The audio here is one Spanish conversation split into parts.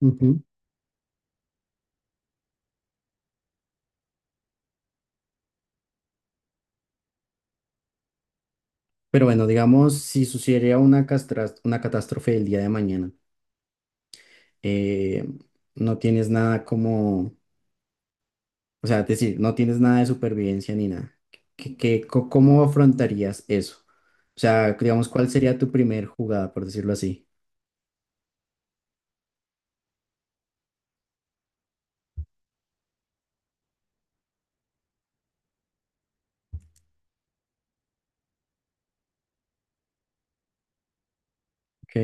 Ujú. Pero bueno, digamos, si sucediera una catástrofe el día de mañana, eh, no tienes nada como, o sea, es decir, no tienes nada de supervivencia ni nada. ¿ Cómo afrontarías eso? O sea, digamos, ¿cuál sería tu primer jugada, por decirlo así? ¿Ok?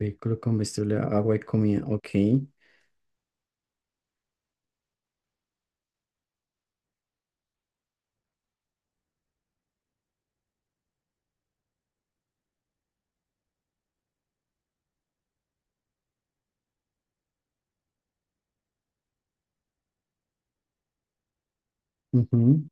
Vehículo, combustible, agua y comida. Ok. Ujú.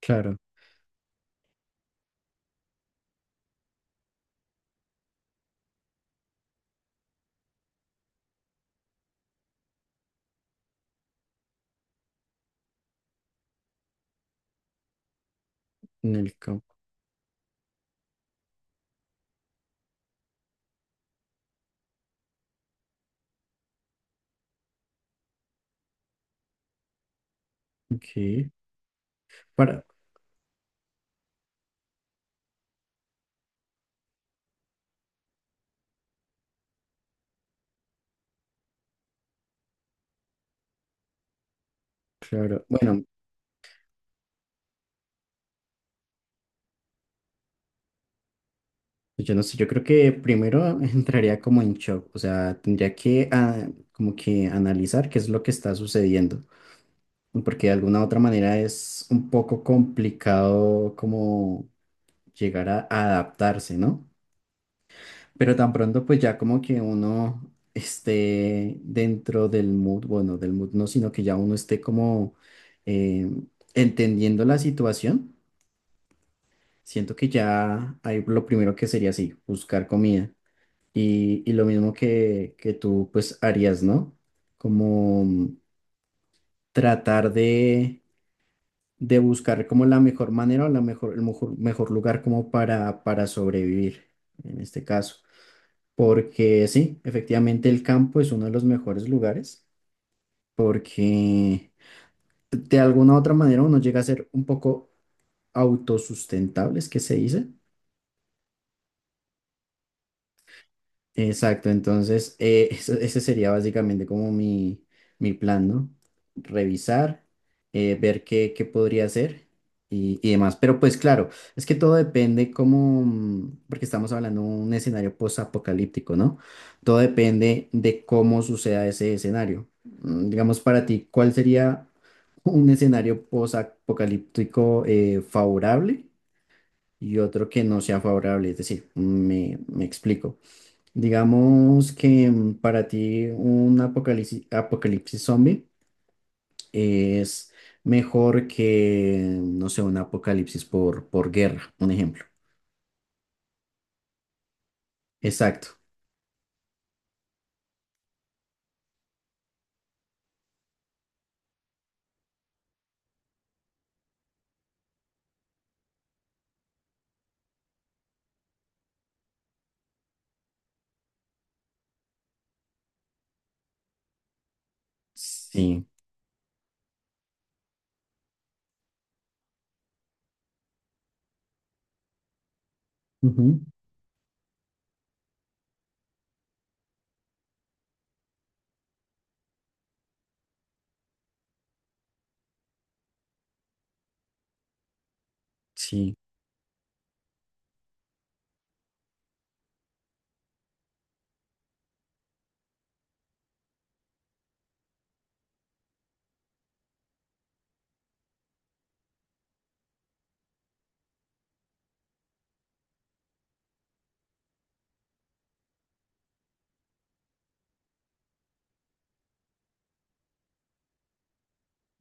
Claro, en el campo. Ok. Para, claro. Bueno, pues yo no sé, yo creo que primero entraría como en shock, o sea, tendría que como que analizar qué es lo que está sucediendo, porque de alguna otra manera es un poco complicado como llegar a adaptarse, ¿no? Pero tan pronto pues ya como que uno esté dentro del mood, bueno, del mood no, sino que ya uno esté como eh, entendiendo la situación, siento que ya hay lo primero que sería así, buscar comida. Y lo mismo que tú pues harías, ¿no? Como tratar de buscar como la mejor manera o la mejor, el mejor, mejor lugar como para sobrevivir en este caso. Porque sí, efectivamente el campo es uno de los mejores lugares porque de alguna u otra manera uno llega a ser un poco autosustentable, es que se dice. Exacto, entonces ese sería básicamente como mi plan, ¿no? Revisar, ver qué, qué podría hacer y demás. Pero pues claro, es que todo depende como, porque estamos hablando de un escenario post-apocalíptico, ¿no? Todo depende de cómo suceda ese escenario. Digamos para ti, ¿cuál sería un escenario post-apocalíptico favorable y otro que no sea favorable? Es decir, me explico. Digamos que para ti un apocalipsis zombie es mejor que, no sé, un apocalipsis por guerra, un ejemplo. Exacto. Sí. Ujú. Sí.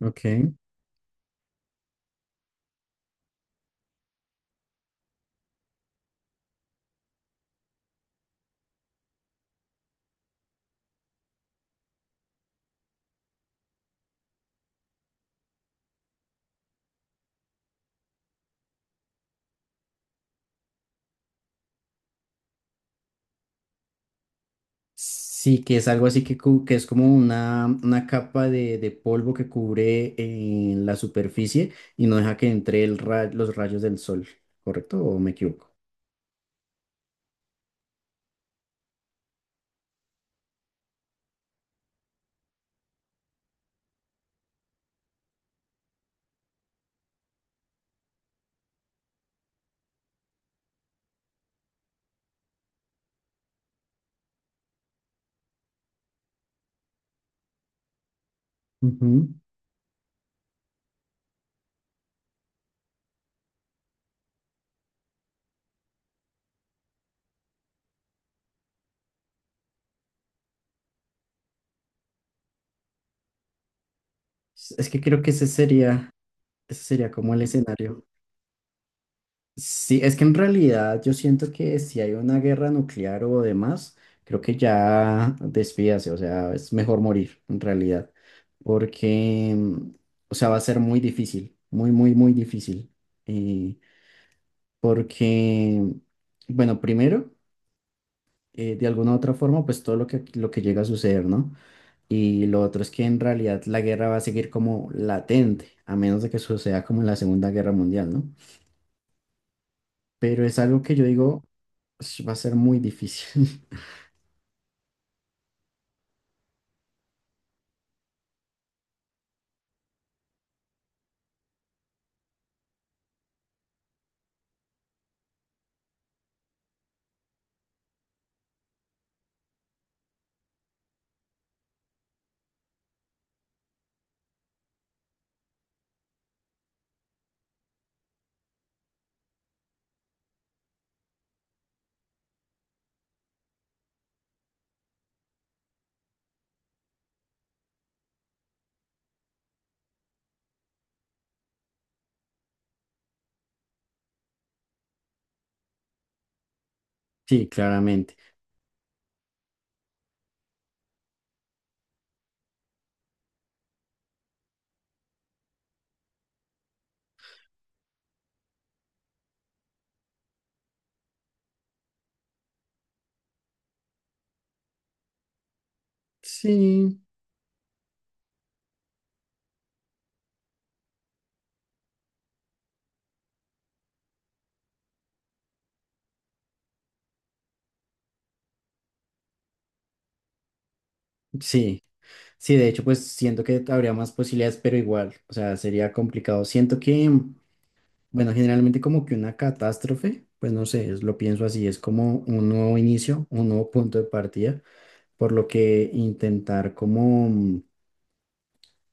Ok. Sí, que es algo así que es como una capa de polvo que cubre la superficie y no deja que entre los rayos del sol, ¿correcto? ¿O me equivoco? Ujú. Es que creo que ese sería como el escenario. Sí, es que en realidad yo siento que si hay una guerra nuclear o demás, creo que ya despídase, o sea, es mejor morir en realidad, porque, o sea, va a ser muy difícil, muy, muy, muy difícil, eh, porque, bueno, primero, de alguna u otra forma, pues todo lo lo que llega a suceder, ¿no? Y lo otro es que en realidad la guerra va a seguir como latente, a menos de que suceda como en la Segunda Guerra Mundial, ¿no? Pero es algo que yo digo, "Ush, va a ser muy difícil". Sí, claramente. Sí, sí, sí, de hecho, pues siento que habría más posibilidades, pero igual, o sea, sería complicado. Siento que, bueno, generalmente como que una catástrofe, pues no sé, lo pienso así, es como un nuevo inicio, un nuevo punto de partida, por lo que intentar como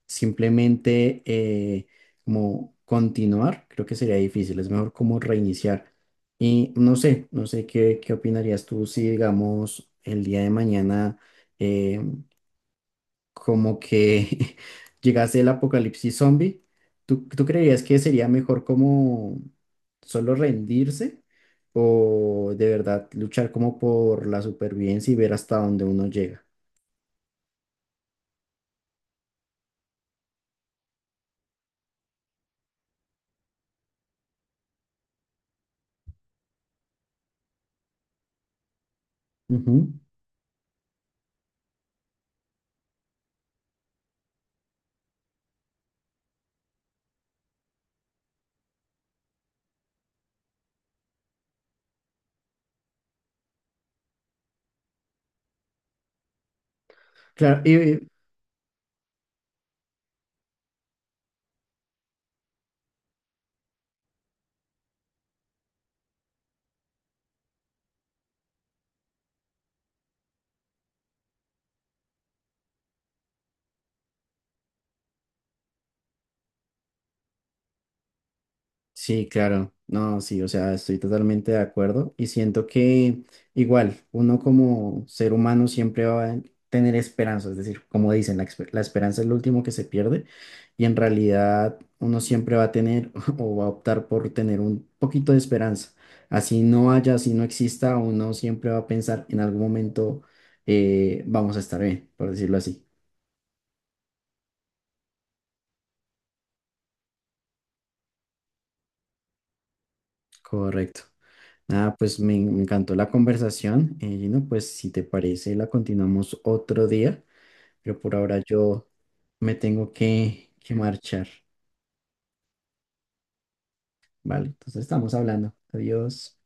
simplemente como continuar, creo que sería difícil, es mejor como reiniciar. Y no sé, no sé qué, qué opinarías tú si, digamos, el día de mañana eh, como que llegase el apocalipsis zombie, ¿tú creerías que sería mejor como solo rendirse o de verdad luchar como por la supervivencia y ver hasta dónde uno llega? Ujú. Claro. Y sí, claro. No, sí, o sea, estoy totalmente de acuerdo y siento que igual uno como ser humano siempre va a tener esperanza, es decir, como dicen, la esperanza es lo último que se pierde y en realidad uno siempre va a tener o va a optar por tener un poquito de esperanza. Así no haya, así no exista, uno siempre va a pensar en algún momento vamos a estar bien, por decirlo así. Correcto. Ah, pues me encantó la conversación, Gino. Pues si te parece, la continuamos otro día, pero por ahora yo me tengo que marchar, ¿vale? Entonces estamos hablando. Adiós.